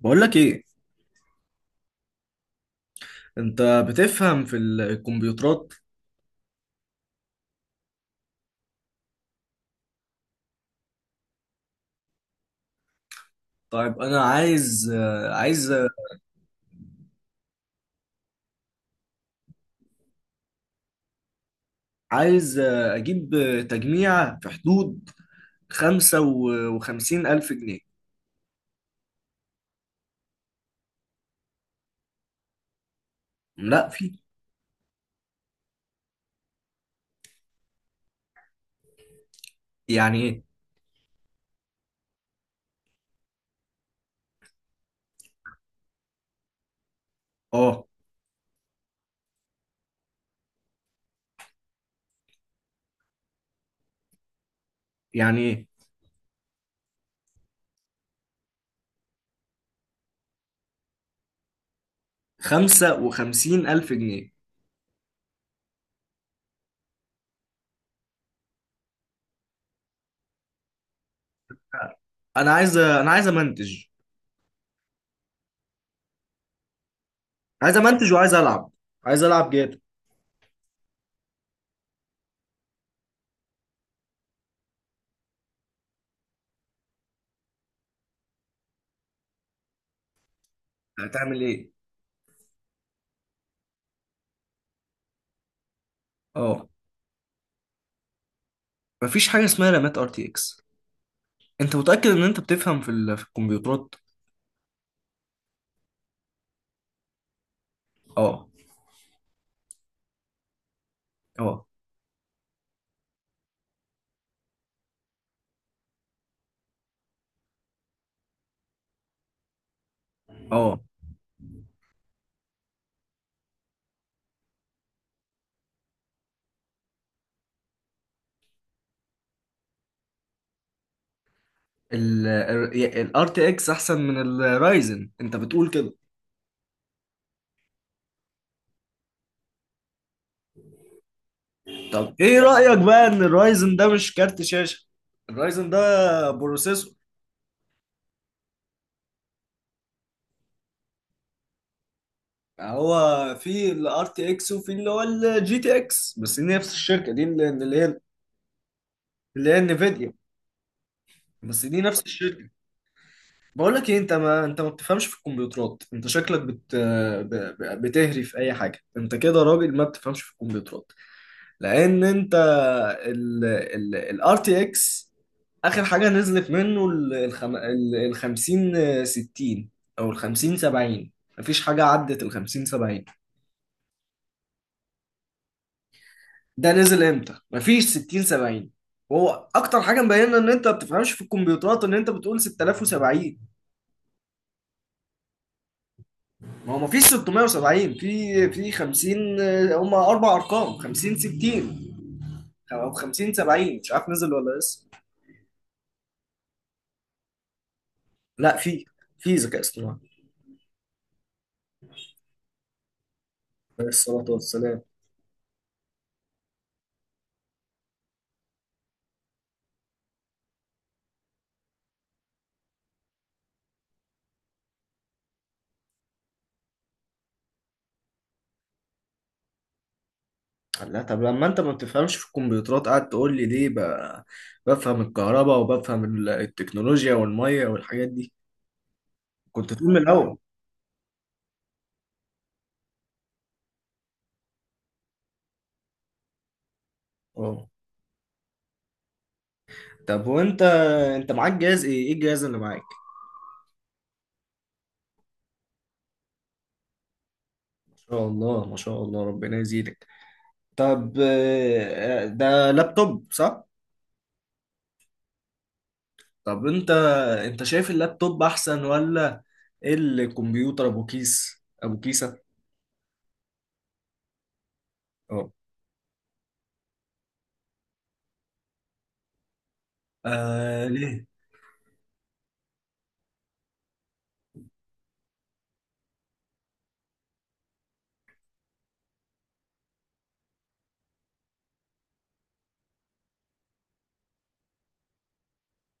بقول لك ايه؟ انت بتفهم في الكمبيوترات؟ طيب انا عايز اجيب تجميع في حدود 55000 جنيه. لا، في. يعني ايه؟ اه. يعني ايه؟ 55000 جنيه. انا عايز امنتج. عايز امنتج وعايز العب. عايز العب جاتا. هتعمل ايه؟ اه. مفيش حاجة اسمها رامات ار تي اكس. انت متأكد ان انت بتفهم في الكمبيوترات؟ اه، اه، اه. الار تي اكس احسن من الرايزن، انت بتقول كده؟ طب ايه رأيك بقى ان الرايزن ده مش كارت شاشة؟ الرايزن ده بروسيسور. هو في الار تي اكس وفي اللي هو الجي تي اكس، بس دي نفس الشركة دي اللي هي اللي هي انفيديا. بس دي نفس الشركة. بقول لك ايه، انت ما بتفهمش في الكمبيوترات. انت شكلك بتهري في اي حاجة. انت كده راجل ما بتفهمش في الكمبيوترات. لان انت ال ال الار تي اكس، اخر حاجه نزلت منه ال 50 60 او ال 50 70. مفيش حاجه عدت ال 50 70. ده نزل امتى؟ مفيش 60 70. هو اكتر حاجه مبينه ان انت ما بتفهمش في الكمبيوترات ان انت بتقول 6070. ما هو مفيش 670، في 50، هما اربع ارقام، 50 60 او 50 70، مش عارف نزل ولا لسه. لا، في. في ذكاء اصطناعي. عليه الصلاه والسلام. لا، طب لما انت ما بتفهمش في الكمبيوترات قاعد تقول لي ليه؟ بفهم الكهرباء وبفهم التكنولوجيا والميه والحاجات دي، كنت تقول من الاول. اه. طب وانت، انت معاك جهاز ايه؟ ايه الجهاز اللي معاك؟ ما شاء الله ما شاء الله، ربنا يزيدك. طب، ده لابتوب صح؟ طب انت شايف اللابتوب احسن ولا الكمبيوتر ابو كيسة؟ اه. ليه؟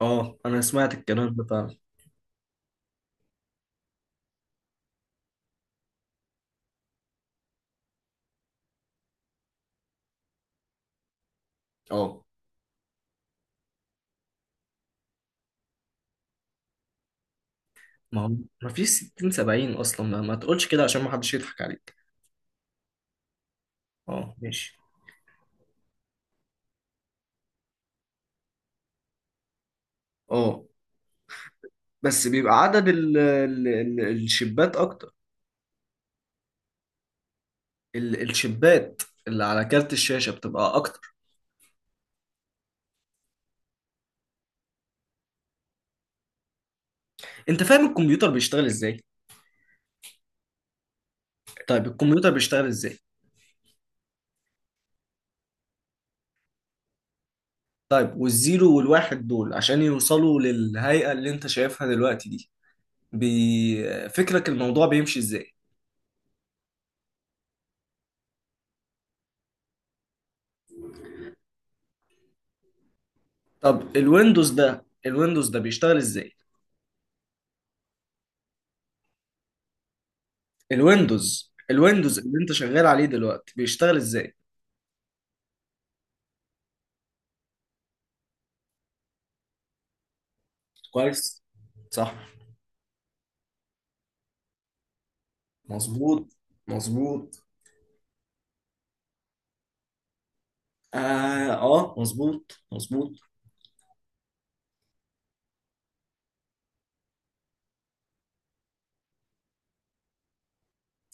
اه، انا سمعت الكلام ده فعلا. اه. ما هو ما فيش 60 70 اصلا، ما تقولش كده عشان ما حدش يضحك عليك. اه، ماشي. اه. بس بيبقى عدد ال ال ال الشبات اكتر. الشبات اللي على كارت الشاشة بتبقى أكتر. أنت فاهم الكمبيوتر بيشتغل إزاي؟ طيب الكمبيوتر بيشتغل إزاي؟ طيب والزيرو والواحد دول عشان يوصلوا للهيئة اللي أنت شايفها دلوقتي دي، فكرك الموضوع بيمشي إزاي؟ طب الويندوز ده بيشتغل إزاي؟ الويندوز اللي أنت شغال عليه دلوقتي بيشتغل إزاي؟ كويس. صح. مظبوط، مظبوط. اه، اه، مظبوط، مظبوط.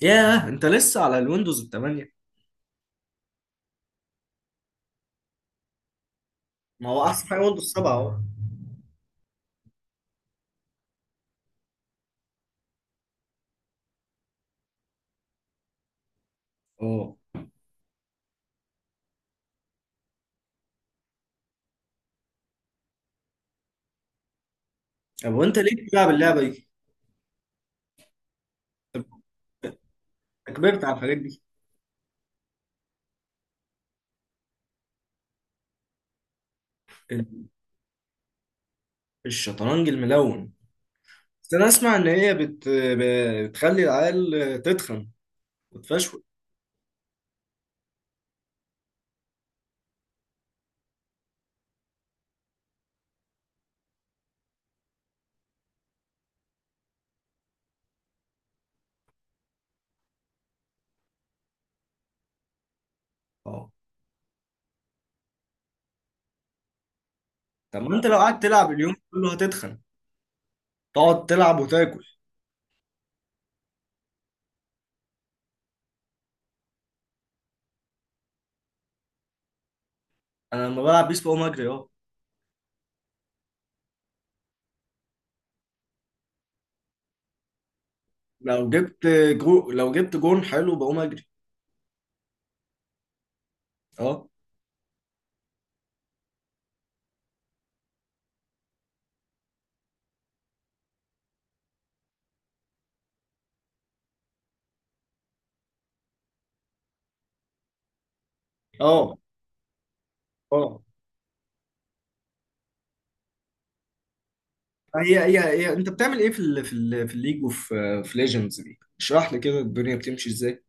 ياه، انت لسه على الويندوز 8؟ ما هو احسن حاجه ويندوز 7 اهو. اه. طب وانت ليه بتلعب اللعبه دي؟ أنت كبرت على الحاجات دي. ال- الشطرنج الملون. بس انا اسمع ان هي بتخلي العيال تتخن وتفشول. اه. طب ما انت لو قعدت تلعب اليوم كله هتتخن، تقعد تلعب وتاكل. انا لما بلعب بيس بقوم اجري اه. لو جبت لو جبت جون حلو بقوم اجري. اه، اه، اه. هي هي هي انت بتعمل ايه في الليج وفي ليجندز دي؟ اشرح لي كده الدنيا بتمشي ازاي.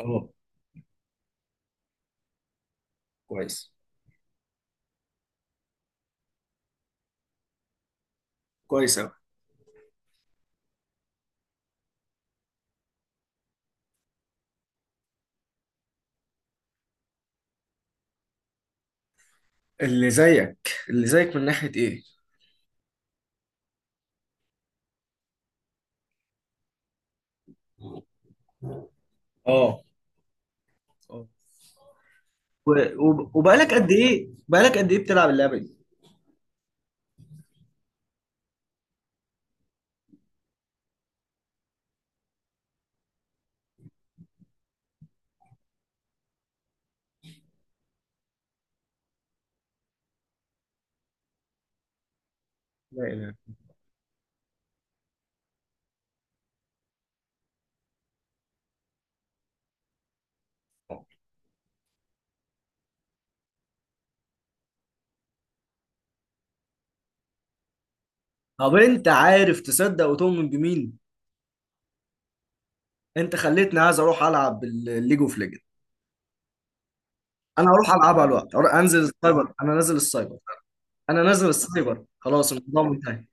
اه. كويس. كويس قوي. اللي زيك اللي زيك من ناحية ايه؟ اه، اه. و- وبقالك قد ايه بقالك قد ايه بتلعب اللعبة دي؟ لا اله. آه. طب انت عارف تصدق وتؤمن بمين؟ انت خليتني عايز اروح العب الليج اوف ليجند. انا هروح العبها الوقت، أروح انزل السايبر، انا نازل السايبر. انا نازل السايبر، خلاص الموضوع منتهي.